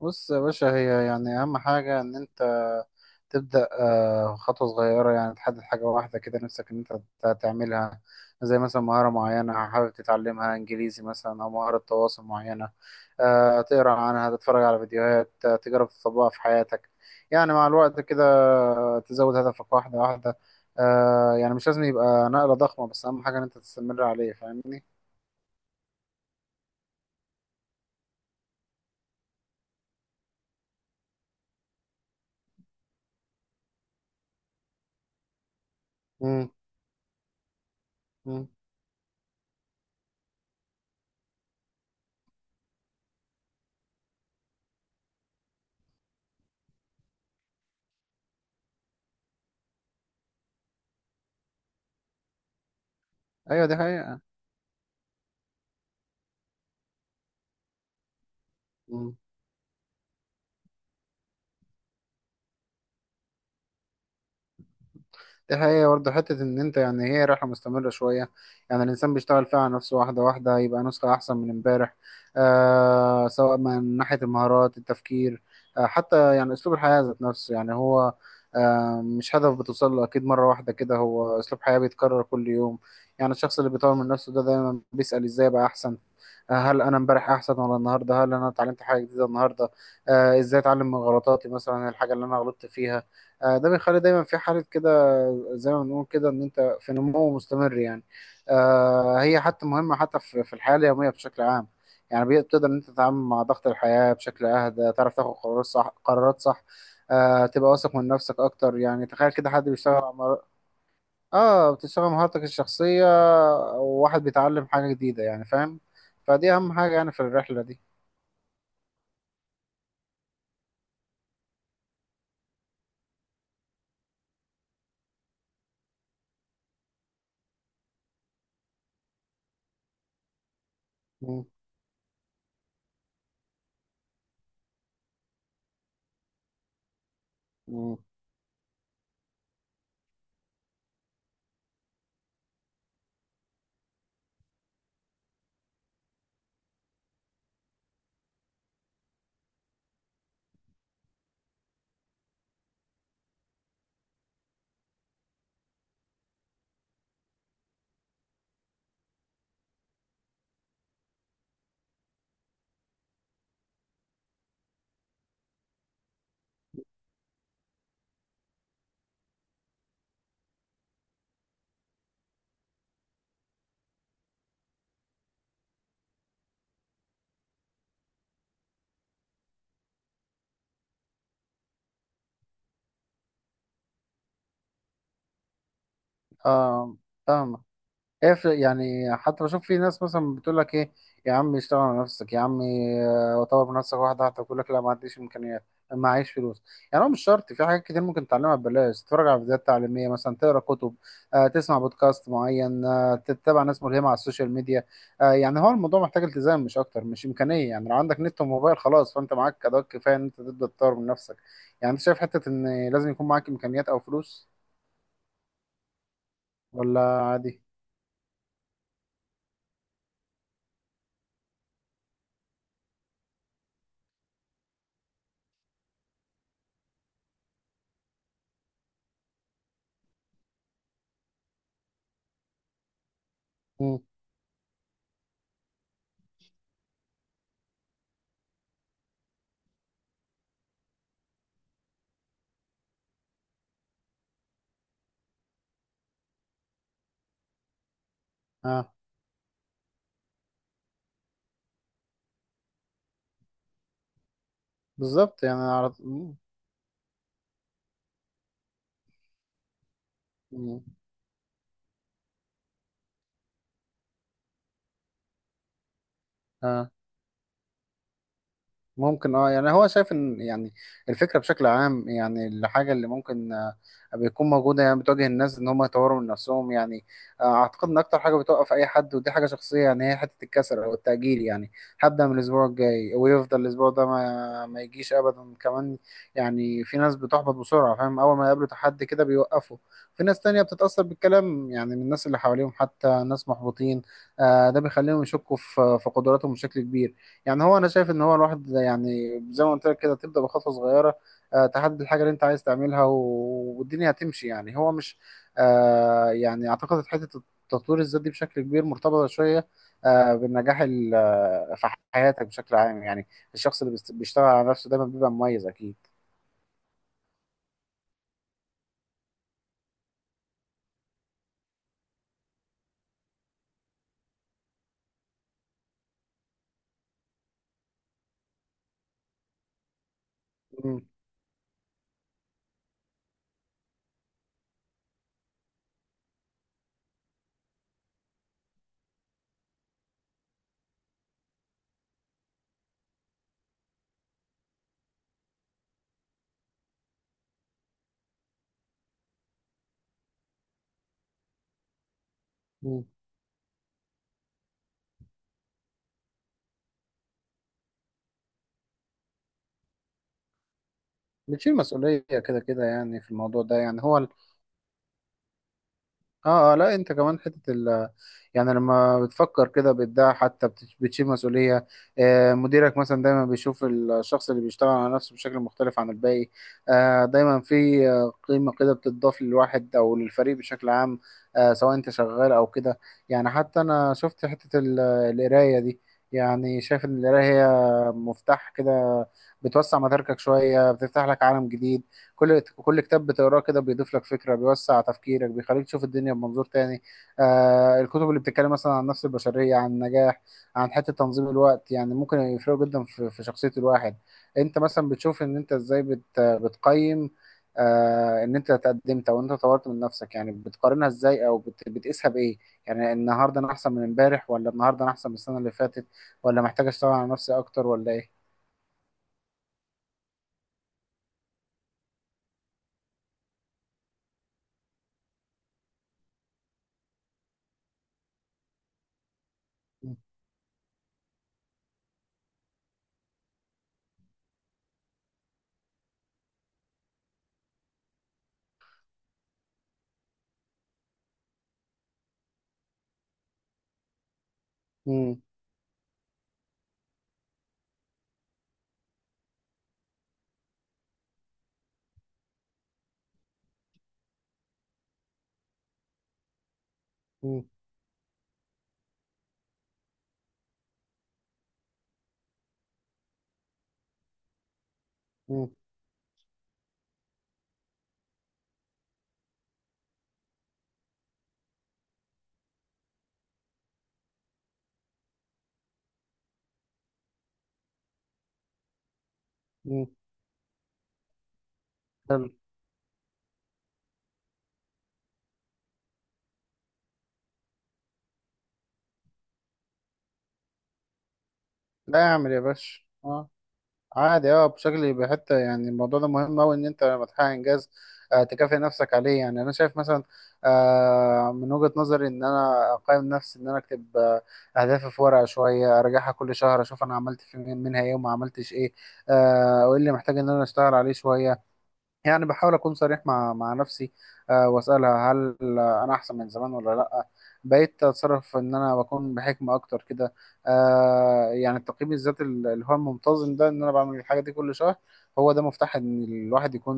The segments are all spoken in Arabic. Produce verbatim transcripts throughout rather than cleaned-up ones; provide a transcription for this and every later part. بص يا باشا، هي يعني أهم حاجة إن أنت تبدأ آه، خطوة صغيرة يعني تحدد حاجة واحدة كده نفسك إن أنت ت- تعملها. زي مثلا مهارة معينة حابب تتعلمها، إنجليزي مثلا أو مهارة تواصل معينة. آه، تقرأ عنها، تتفرج على فيديوهات، آه، تجرب تطبقها في حياتك يعني مع الوقت كده. آه، تزود هدفك واحدة واحدة. آه، يعني مش لازم يبقى نقلة ضخمة، بس أهم حاجة إن أنت تستمر عليه. فاهمني؟ مم. مم. أيوة دي حقيقة. دي حقيقة برضه، حتة إن أنت يعني هي رحلة مستمرة شوية، يعني الإنسان بيشتغل فيها على نفسه واحدة واحدة يبقى نسخة أحسن من إمبارح. آه، سواء من ناحية المهارات، التفكير، آه حتى يعني أسلوب الحياة ذات نفسه، يعني هو آه مش هدف بتوصل له أكيد مرة واحدة كده، هو أسلوب حياة بيتكرر كل يوم. يعني الشخص اللي بيطور من نفسه ده دايما بيسأل إزاي أبقى أحسن. آه، هل انا امبارح احسن ولا النهارده؟ هل انا اتعلمت حاجه جديده النهارده؟ آه ازاي اتعلم من غلطاتي، مثلا الحاجه اللي انا غلطت فيها. آه ده بيخلي دايما في حاله كده، زي ما بنقول كده ان انت في نمو مستمر يعني. آه هي حتى مهمه حتى في في الحياه اليوميه بشكل عام، يعني بتقدر ان انت تتعامل مع ضغط الحياه بشكل اهدى، تعرف تاخد قرارات صح، قرارات صح. آه تبقى واثق من نفسك اكتر، يعني تخيل كده حد بيشتغل على مر... اه بتشتغل مهارتك الشخصيه، وواحد بيتعلم حاجه جديده يعني فاهم. فدي اهم حاجه يعني في الرحله دي. مم. مم. اه فاهمك. ايه في- يعني حتى بشوف في ناس مثلا بتقول لك ايه يا عم، اشتغل على نفسك يا عم، آه، طور من نفسك واحده واحده. بيقول لك لا، ما عنديش امكانيات، ما عايش فلوس. يعني هو مش شرط، في حاجات كتير ممكن تتعلمها ببلاش، تتفرج على فيديوهات تعليميه مثلا، تقرا كتب، آه، تسمع بودكاست معين، آه، تتابع ناس ملهمه على السوشيال ميديا. آه، يعني هو الموضوع محتاج التزام مش اكتر، مش امكانيه، يعني لو عندك نت وموبايل خلاص فانت معاك ادوات كفايه ان انت تبدا تطور من نفسك. يعني انت شايف حته ان لازم يكون معاك امكانيات او فلوس ولا عادي؟ مم. آه. بالظبط يعني على مم. مم. آه. ممكن اه يعني هو شايف ان يعني الفكره بشكل عام، يعني الحاجه اللي ممكن آه، بتكون موجوده يعني بتواجه الناس ان هم يطوروا من نفسهم يعني. آه، اعتقد ان اكتر حاجه بتوقف اي حد ودي حاجه شخصيه يعني، هي حته الكسل او التاجيل، يعني هبدا من الاسبوع الجاي، ويفضل الاسبوع ده ما ما يجيش ابدا كمان. يعني في ناس بتحبط بسرعه، فاهم، اول ما يقابلوا تحدي كده بيوقفوا. في ناس تانية بتتاثر بالكلام، يعني من الناس اللي حواليهم حتى، ناس محبطين. آه، ده بيخليهم يشكوا في في قدراتهم بشكل كبير. يعني هو انا شايف ان هو الواحد يعني زي ما قلت لك كده، تبدا بخطوه صغيره، آه، تحدد الحاجه اللي انت عايز تعملها، و- والدنيا هتمشي. يعني هو مش آه، يعني اعتقد حته التطوير الذاتي بشكل كبير مرتبطه شويه، آه، بالنجاح ال- آه، في حياتك بشكل عام يعني. الشخص اللي بيست- بيشتغل على نفسه دايما بيبقى مميز اكيد. مم. مم. بتشيل مسؤوليه كده كده يعني في الموضوع ده يعني هو. اه اه لا انت كمان حته ال يعني لما بتفكر كده بتدعي حتى بت- بتشيل مسؤوليه. آه مديرك مثلا دايما بيشوف الشخص اللي بيشتغل على نفسه بشكل مختلف عن الباقي. آه دايما في آه، قيمه كده بتضاف للواحد او للفريق بشكل عام. آه سواء انت شغال او كده. يعني حتى انا شفت حته ال- القرايه دي، يعني شايف ان القرايه هي مفتاح كده، بتوسع مداركك شويه، بتفتح لك عالم جديد. كل كل كتاب بتقراه كده بيضيف لك فكرة، بيوسع تفكيرك، بيخليك تشوف الدنيا بمنظور تاني. آه الكتب اللي بتتكلم مثلا عن النفس البشرية، عن النجاح، عن حتة تنظيم الوقت، يعني ممكن يفرقوا جدا في, في شخصية الواحد. انت مثلا بتشوف ان انت ازاي بت بتقيم، آه ان انت تقدمت او انت طورت من نفسك يعني، بتقارنها ازاي او بت بتقيسها بايه؟ يعني النهارده انا احسن من امبارح، ولا النهارده انا احسن من السنة اللي فاتت؟ ولا محتاج اشتغل على نفسي اكتر ولا ايه؟ مم. مم. مم. مم. لا اعمل يا باشا اه. عادي اه بشكل بحته، يعني الموضوع ده مهم قوي ان انت لما تحقق انجاز آه تكافئ نفسك عليه. يعني انا شايف مثلا آه من وجهة نظري ان انا اقيم نفسي، ان انا اكتب آه اهدافي في ورقه شويه، اراجعها كل شهر، اشوف انا عملت في من- منها ايه وما عملتش ايه. آه وايه اللي محتاج ان انا اشتغل عليه شويه. يعني بحاول اكون صريح مع مع نفسي. أه واسالها هل آه، انا احسن من زمان ولا لا؟ بقيت اتصرف ان انا بكون بحكمه اكتر كده. أه يعني التقييم الذاتي ال- اللي هو المنتظم ده، ان انا بعمل الحاجه دي كل شهر، هو ده مفتاح ان الواحد يكون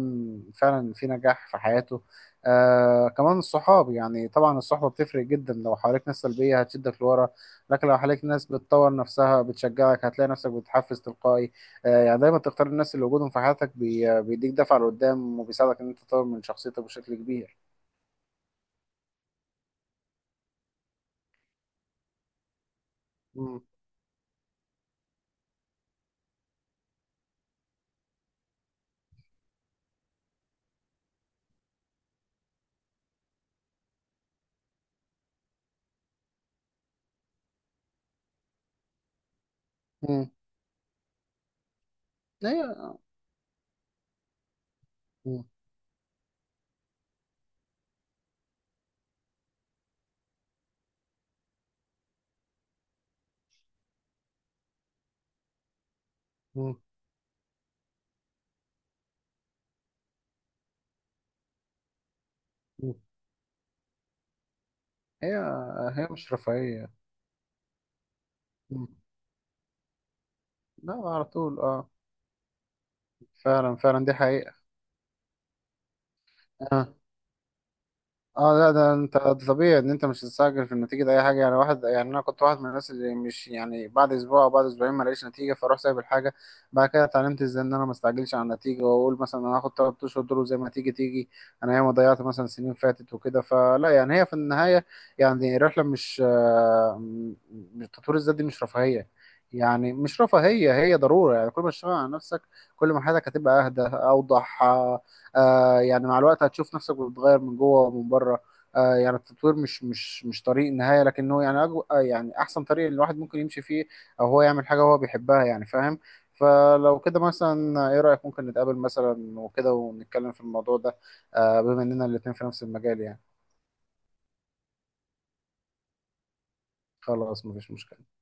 فعلا في نجاح في حياته. أه كمان الصحاب، يعني طبعا الصحبه بتفرق جدا، لو حواليك ناس سلبيه هتشدك لورا، لكن لو حواليك ناس بتطور نفسها بتشجعك هتلاقي نفسك بتتحفز تلقائي. آه، يعني دايما تختار الناس اللي وجودهم في حياتك بي- بيديك دفعة لقدام، وبيساعدك إن أنت تطور من شخصيتك بشكل كبير. مم. مم. هي مم. مم. مم. هي هي مش رفاهية. مم. لا على طول اه. فعلا فعلا دي حقيقة. آه. اه لا ده انت ده طبيعي ان انت مش هتستعجل في النتيجه، ده اي حاجه يعني، واحد يعني انا كنت واحد من الناس اللي مش يعني بعد اسبوع او بعد اسبوعين ما لقيتش نتيجه فاروح سايب الحاجه. بعد كده اتعلمت ازاي ان انا ما استعجلش على النتيجه، واقول مثلا انا هاخد تلات اشهر دول وزي ما تيجي تيجي. انا ياما ضيعت مثلا سنين فاتت وكده، فلا يعني هي في النهايه يعني رحله، مش آه، م- م- تطوير الذات دي مش رفاهيه. يعني مش رفاهيه، هي ضروره، يعني كل ما تشتغل على نفسك كل ما حياتك هتبقى اهدى اوضح، آه، آه يعني مع الوقت هتشوف نفسك بتتغير من جوه ومن بره. آه يعني التطوير مش مش مش طريق نهاية، لكنه يعني أجو آه يعني أحسن طريق اللي الواحد ممكن يمشي فيه، أو هو يعمل حاجة هو بيحبها يعني فاهم. فلو كده مثلا إيه رأيك ممكن نتقابل مثلا وكده ونتكلم في الموضوع ده، آه بما إننا الاتنين في نفس المجال يعني. خلاص مفيش مشكلة.